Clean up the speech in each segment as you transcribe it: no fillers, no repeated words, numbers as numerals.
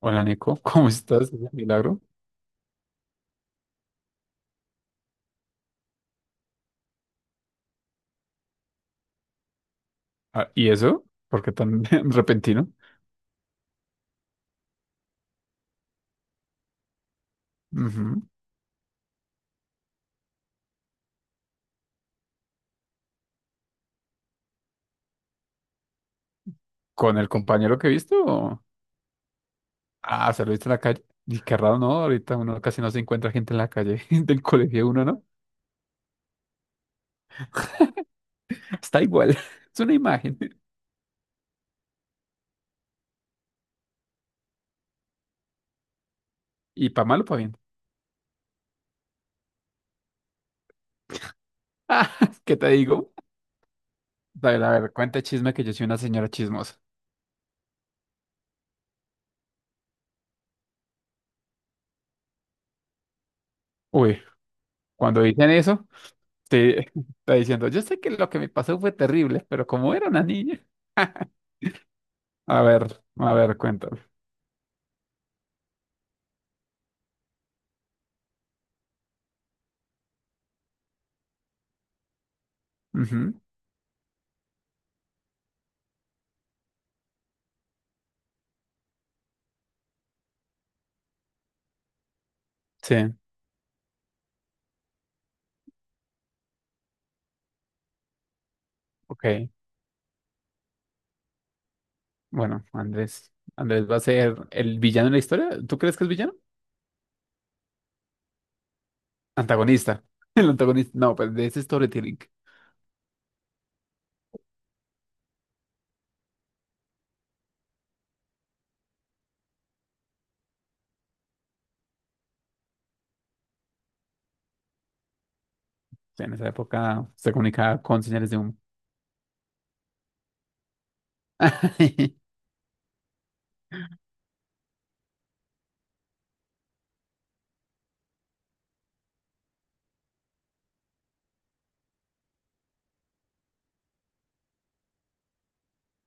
Hola Nico, ¿cómo estás? Milagro. Ah, ¿y eso? ¿Por qué tan repentino? Ujú. ¿Con el compañero que he visto? O- Ah, ¿se lo viste en la calle? Y qué raro, ¿no? Ahorita uno casi no se encuentra gente en la calle del colegio de uno, ¿no? Está igual, es una imagen. Y para malo para bien. Ah, ¿qué te digo? A ver, cuenta chisme que yo soy una señora chismosa. Uy, cuando dicen eso, te está diciendo, yo sé que lo que me pasó fue terrible, pero como era una niña. A ver, cuéntame. Ujú, sí. Ok, bueno, Andrés. Andrés va a ser el villano en la historia. ¿Tú crees que es villano? Antagonista. El antagonista. No, pues de ese storytelling. O sea, en esa época se comunicaba con señales de humo.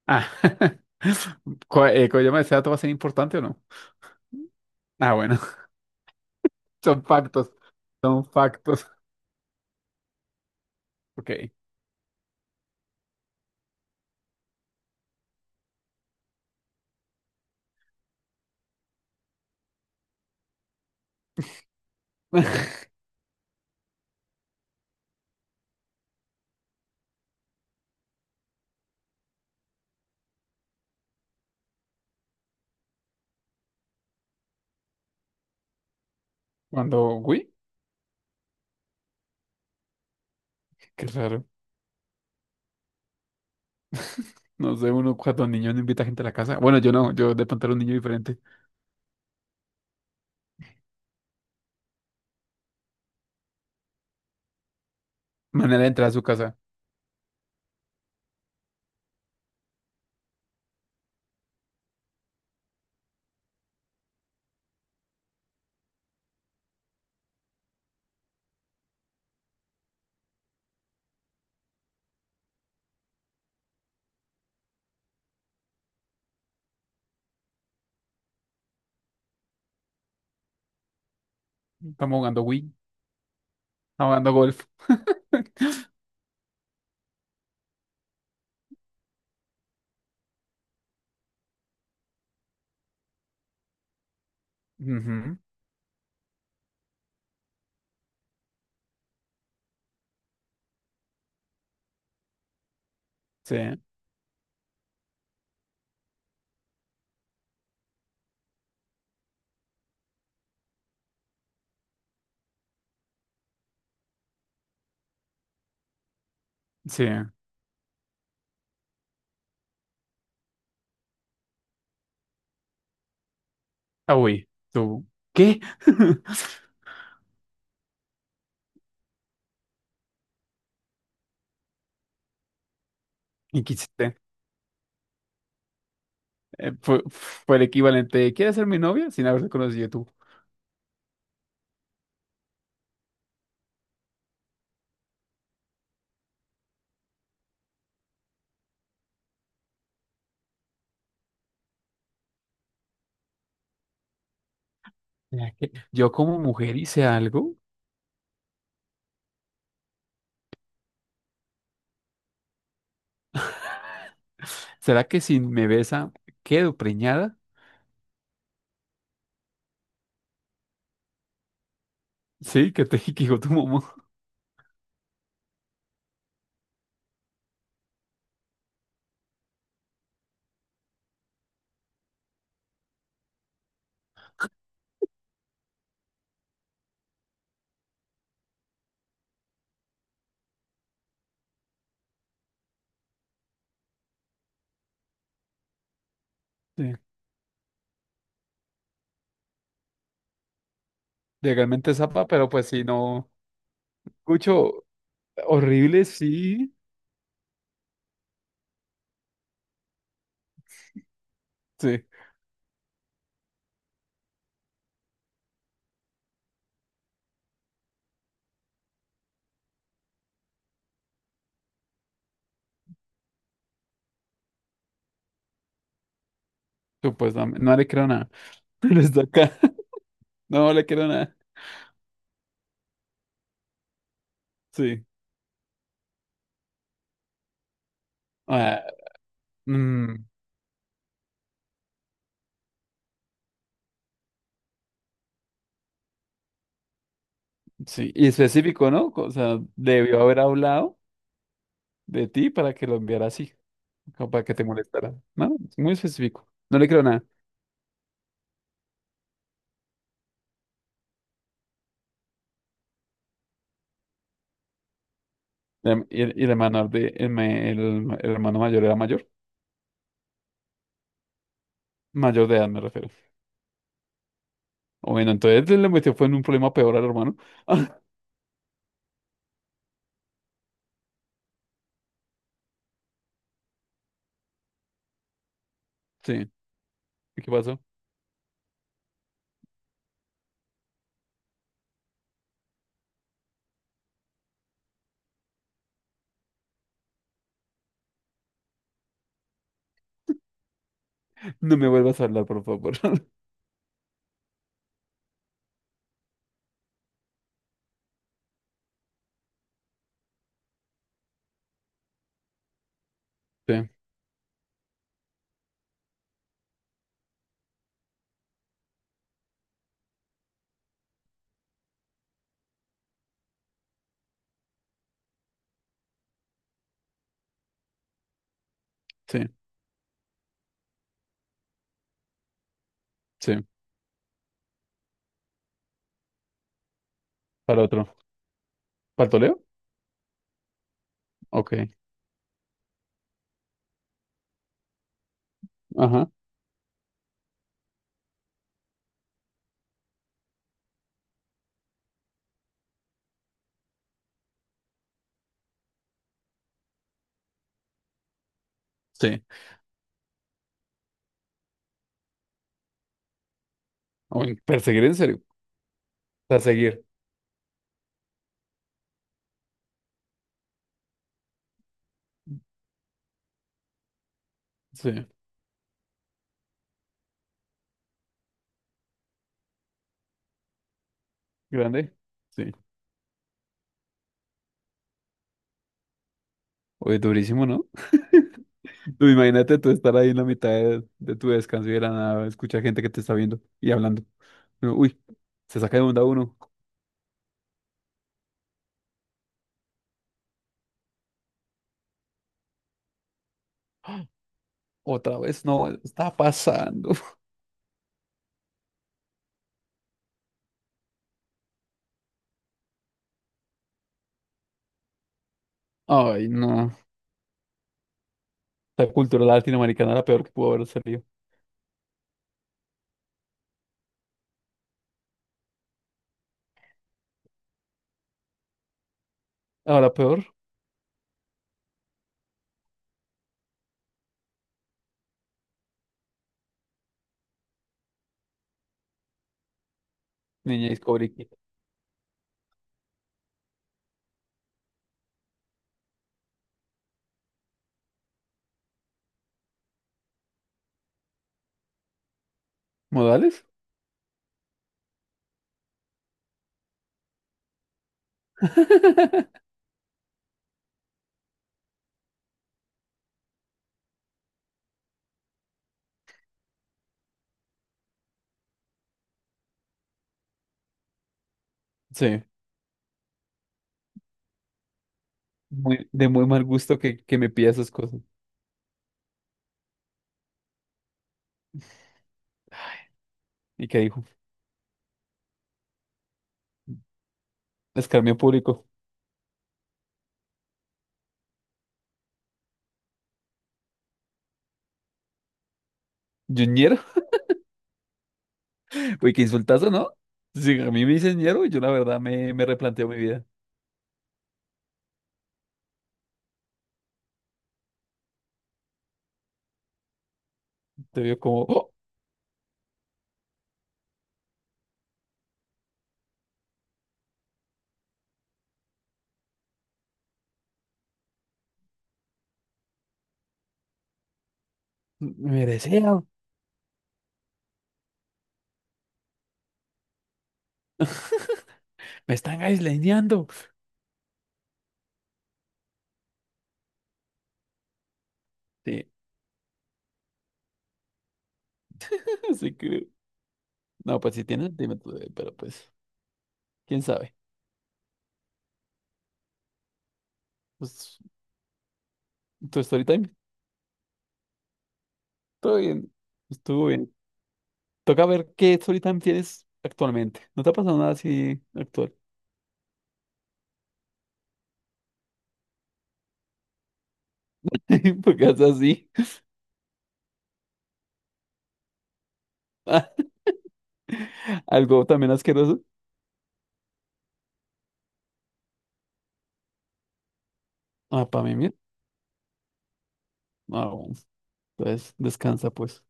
Ah. ¿Cómo ¿Ese dato va a ser importante o no? Ah, bueno. Son factos. Son factos. Ok. Cuando, uy, qué raro. No sé, uno cuando niño no invita gente a la casa. Bueno, yo no, yo de pronto era un niño diferente. Manera de entrar a su casa. Estamos jugando Wii. Jugando golf. Ujú, sí, sí. Ah, uy, tú. ¿Qué? ¿Y qué hiciste? Fue, fue el equivalente de, ¿quieres ser mi novia? Sin haberse conocido tú. ¿Será que yo como mujer hice algo? ¿Será que si me besa quedo preñada? Sí, que te que digo tu mamá. Sí, legalmente zapa, pero pues si no. Escucho, horrible, sí. Sí, supuestamente. No le creo nada. Pero está acá. No le creo nada. Sí. Ah, mm, sí, y específico, ¿no? O sea, debió haber hablado de ti para que lo enviara así, como para que te molestara. No, es muy específico. No le creo nada. Y el, y el- y el hermano de, el, ma- el hermano mayor era mayor. Mayor de edad me refiero. O bueno, entonces le metió fue en un problema peor al hermano. Sí. ¿Y ¿Qué pasó? No me vuelvas a hablar, por favor. Sí, sí, sí. Para otro. ¿Para el Toleo? Ok. Ajá. Sí. O en perseguir en serio. Perseguir. Sí. Grande. Sí. Oye, durísimo, ¿no? Tú imagínate tú estar ahí en la mitad de tu descanso y de la nada, escucha gente que te está viendo y hablando. Uno, uy, se saca de onda uno. Otra vez no, está pasando. Ay, no. La cultura latinoamericana era la peor que pudo haber salido. Ahora peor, niña Discovery Kid. ¿Modales? Sí, muy, de muy mal gusto que me pida esas cosas. ¿Y qué dijo? Escarmiento público. ¿Yo ñero? Uy, qué insultazo, ¿no? Si a mí me dicen ñero, yo la verdad me, me replanteo mi vida. Te veo como... ¡oh! Me desean, me están aisleñando. Sí, así que. No, pues si tienes, dime tú, pero pues, quién sabe. Pues, tu story time, todo bien, estuvo bien. Toca ver qué story time tienes actualmente. ¿No te ha pasado nada así actual? Porque es así. Algo también asqueroso. Ah, para mí, mira. Ah, bueno. Entonces, descansa, pues.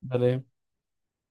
Dale.